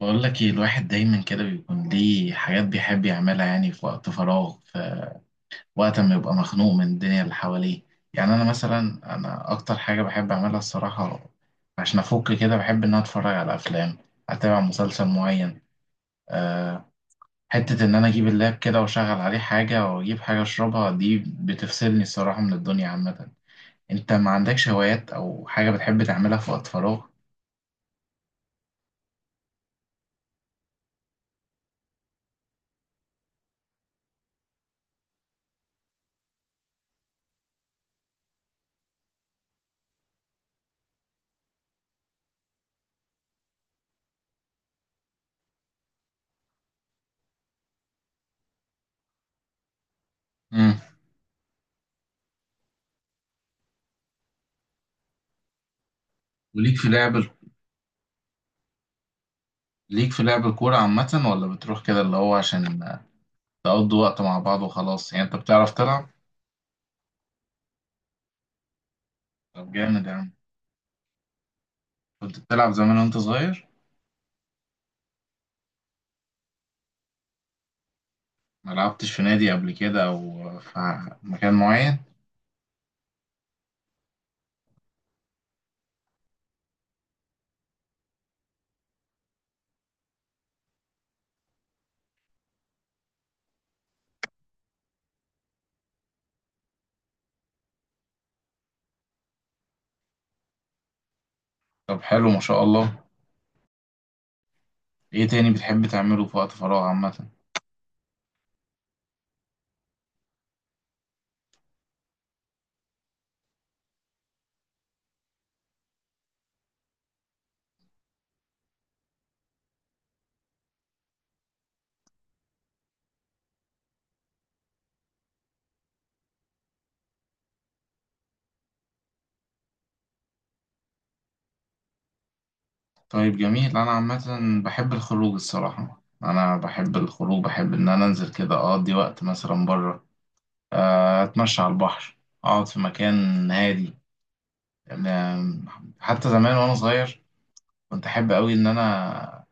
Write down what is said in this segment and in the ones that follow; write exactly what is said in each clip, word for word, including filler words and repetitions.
بقول لك ايه، الواحد دايما كده بيكون ليه حاجات بيحب يعملها، يعني في وقت فراغ، في وقت ما يبقى مخنوق من الدنيا اللي حواليه. يعني انا مثلا، انا اكتر حاجة بحب اعملها الصراحة عشان افك كده، بحب ان انا اتفرج على افلام، اتابع مسلسل معين. أه حتة ان انا اجيب اللاب كده واشغل عليه حاجة واجيب حاجة اشربها، دي بتفصلني الصراحة من الدنيا عامة. انت ما عندكش هوايات او حاجة بتحب تعملها في وقت فراغ؟ مم. وليك في لعب ليك في لعب الكورة عامة، ولا بتروح كده اللي هو عشان تقضوا وقت مع بعض وخلاص، يعني انت بتعرف تلعب؟ طب جامد يا عم. كنت بتلعب زمان وانت صغير؟ ما لعبتش في نادي قبل كده او في مكان معين؟ طب حلو ما شاء الله. ايه تاني بتحب تعمله في وقت فراغ عامة؟ طيب جميل. انا عامة بحب الخروج الصراحة، انا بحب الخروج، بحب ان انا انزل كده اقضي وقت مثلا بره. آه، اتمشى على البحر، اقعد في مكان هادي. آم، حتى زمان وانا صغير كنت احب قوي ان انا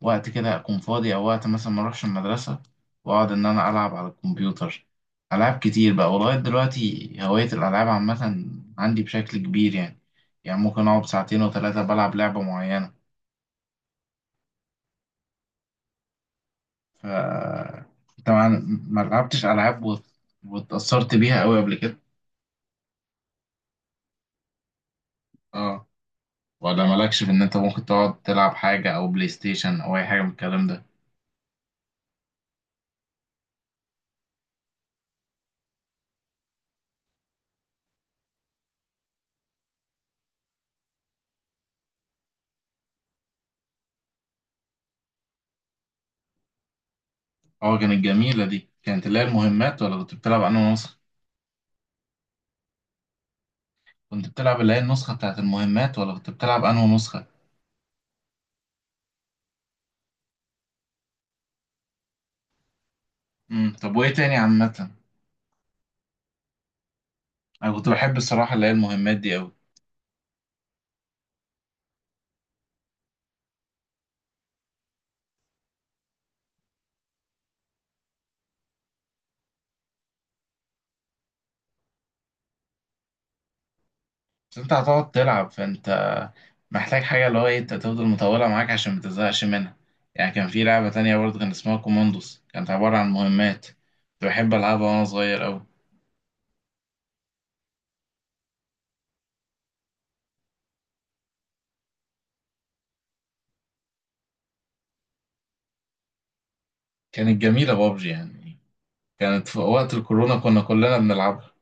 وقت كده أكون فاضي أو وقت مثلا ما أروحش المدرسة، وأقعد إن أنا ألعب على الكمبيوتر ألعاب كتير بقى. ولغاية دلوقتي هواية الألعاب عامة عندي بشكل كبير يعني، يعني ممكن أقعد ساعتين وثلاثة بلعب لعبة معينة. ف طبعا. ما لعبتش ألعاب وت- واتأثرت بيها أوي قبل كده؟ اه. ولا مالكش في إن أنت ممكن تقعد تلعب حاجة أو بلاي ستيشن أو أي حاجة من الكلام ده؟ اه كانت جميلة. دي كانت اللي هي المهمات، ولا كنت بتلعب أنا ونص؟ كنت بتلعب اللي هي النسخة بتاعت المهمات، ولا كنت بتلعب أنهي نسخة؟ امم طب وإيه تاني عامة؟ أنا كنت بحب الصراحة اللي هي المهمات دي أوي. بس أنت هتقعد تلعب، فأنت محتاج حاجة اللي هو إيه، أنت تفضل مطولة معاك عشان متزهقش منها. يعني كان في لعبة تانية برضه كان اسمها كوماندوس، كانت عبارة عن مهمات، كنت بحب ألعبها وأنا صغير أوي. كانت جميلة بابجي يعني. كانت في وقت الكورونا كنا كلنا بنلعبها.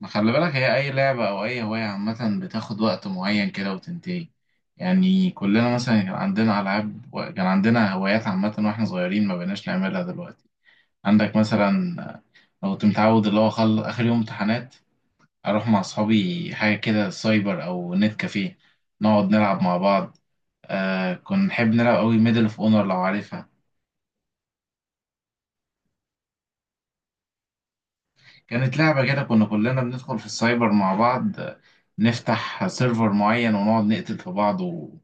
ما خلي بالك، هي أي لعبة أو أي هواية عامة بتاخد وقت معين كده وتنتهي. يعني كلنا مثلا كان عندنا ألعاب و- كان عندنا هوايات عامة وإحنا صغيرين، ما بقيناش نعملها دلوقتي. عندك مثلا، أنا كنت متعود اللي هو خل... آخر يوم امتحانات أروح مع أصحابي حاجة كده سايبر أو نت كافيه، نقعد نلعب مع بعض. آه كنا نحب نلعب أوي ميدل أوف أونر لو عارفها. كانت لعبة كده كنا كلنا بندخل في السايبر مع بعض، آه، نفتح سيرفر معين ونقعد نقتل في بعض و...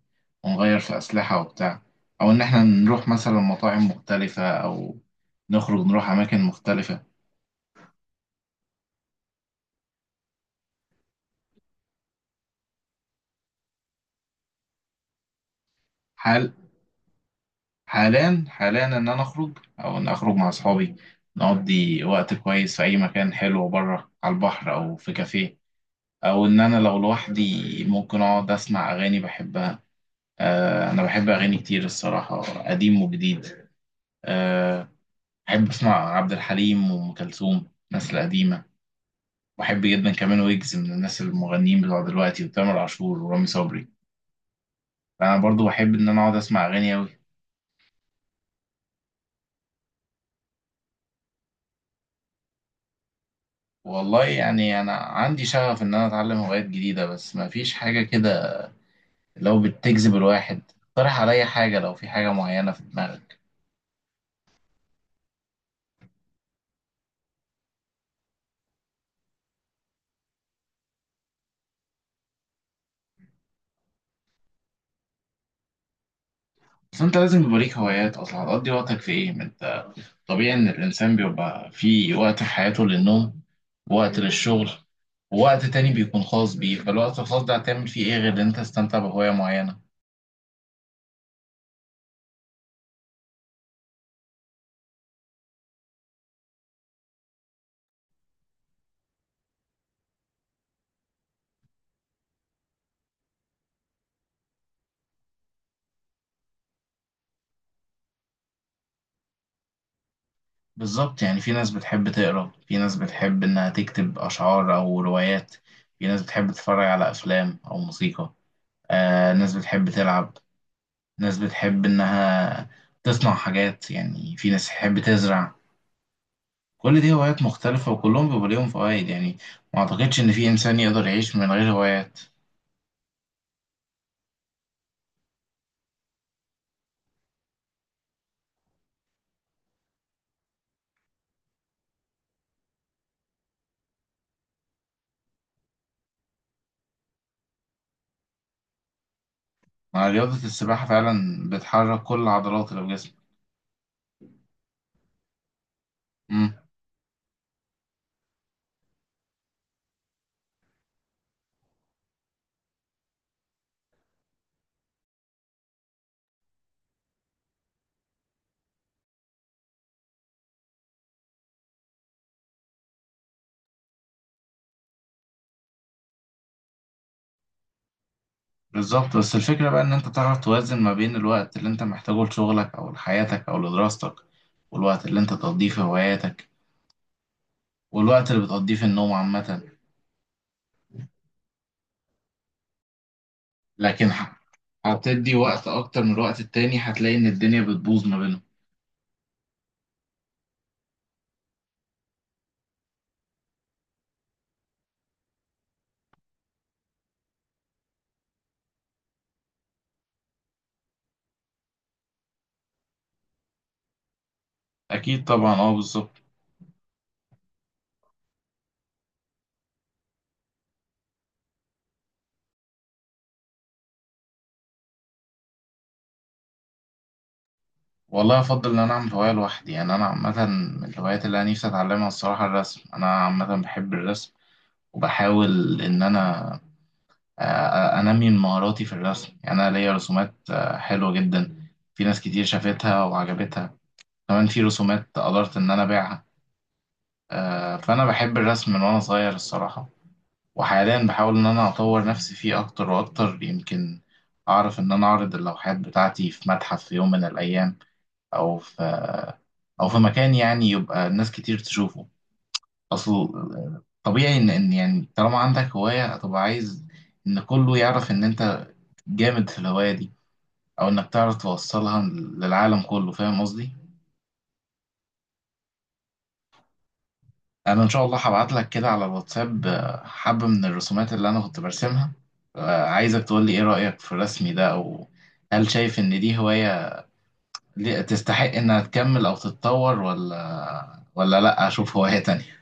ونغير في أسلحة وبتاع، أو إن إحنا نروح مثلا مطاعم مختلفة أو نخرج نروح أماكن مختلفة. حال حاليا حاليا إن أنا أخرج أو إن أخرج مع أصحابي، نقضي وقت كويس في أي مكان حلو بره على البحر أو في كافيه، أو إن أنا لو لوحدي ممكن أقعد أسمع أغاني بحبها. آه، أنا بحب أغاني كتير الصراحة، قديم وجديد. آه، أحب أسمع عبد الحليم وأم كلثوم الناس القديمة، وأحب جدا كمان ويجز من الناس المغنيين بتوع دلوقتي، وتامر عاشور ورامي صبري. أنا برضو بحب إن أنا أقعد أسمع أغاني أوي. والله يعني أنا عندي شغف إن أنا أتعلم هوايات جديدة، بس مفيش حاجة كده لو بتجذب الواحد. اقترح عليا حاجة لو في حاجة معينة في دماغك. بس أنت لازم يبقى ليك هوايات أصلا، هتقضي وقتك في إيه؟ طبيعي إن الإنسان بيبقى في وقت في حياته للنوم، ووقت للشغل، ووقت تاني بيكون خاص بيه، فالوقت الخاص ده هتعمل فيه إيه غير إن أنت تستمتع بهواية معينة؟ بالظبط، يعني في ناس بتحب تقرأ، في ناس بتحب إنها تكتب أشعار أو روايات، في ناس بتحب تتفرج على أفلام أو موسيقى، آه ناس بتحب تلعب، ناس بتحب إنها تصنع حاجات، يعني في ناس تحب تزرع. كل دي هوايات مختلفة وكلهم بيبقى ليهم فوائد يعني. ما أعتقدش إن في إنسان يقدر يعيش من غير هوايات. مع رياضة السباحة فعلا بتحرك كل العضلات اللي في جسمك. امم. بالظبط، بس الفكرة بقى إن أنت تعرف توازن ما بين الوقت اللي أنت محتاجه لشغلك أو لحياتك أو لدراستك، والوقت اللي أنت تقضيه في هواياتك، والوقت اللي بتقضيه في النوم عامة. لكن ح- هتدي وقت أكتر من الوقت التاني، هتلاقي إن الدنيا بتبوظ ما بينهم. أكيد طبعا، أه بالظبط. والله أفضل إن أنا أعمل هواية لوحدي. يعني أنا عامة من الهوايات اللي أنا نفسي أتعلمها الصراحة الرسم، أنا عامة بحب الرسم. وبحاول إن أنا آه، انمي من مهاراتي في الرسم، يعني انا ليا رسومات آه، حلوه جدا، في ناس كتير شافتها وعجبتها. كمان في رسومات قدرت ان انا ابيعها. آه، فانا بحب الرسم من وانا صغير الصراحه، وحاليا بحاول ان انا اطور نفسي فيه اكتر واكتر، يمكن اعرف ان انا اعرض اللوحات بتاعتي في متحف في يوم من الايام، او في آه، او في مكان يعني يبقى ناس كتير تشوفه. اصل طبيعي ان ان يعني طالما عندك هواية هتبقى عايز ان كله يعرف ان انت جامد في الهواية دي، او انك تعرف توصلها للعالم كله، فاهم قصدي؟ انا ان شاء الله هبعت لك كده على الواتساب آه، حبة من الرسومات اللي انا كنت برسمها، آه، عايزك تقول لي ايه رأيك في رسمي ده، او هل شايف ان دي هواية ليه- تستحق انها تكمل او تتطور، ولا ولا لا اشوف هواية تانية.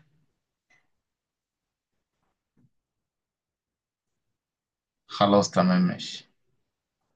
خلاص تمام ماشي.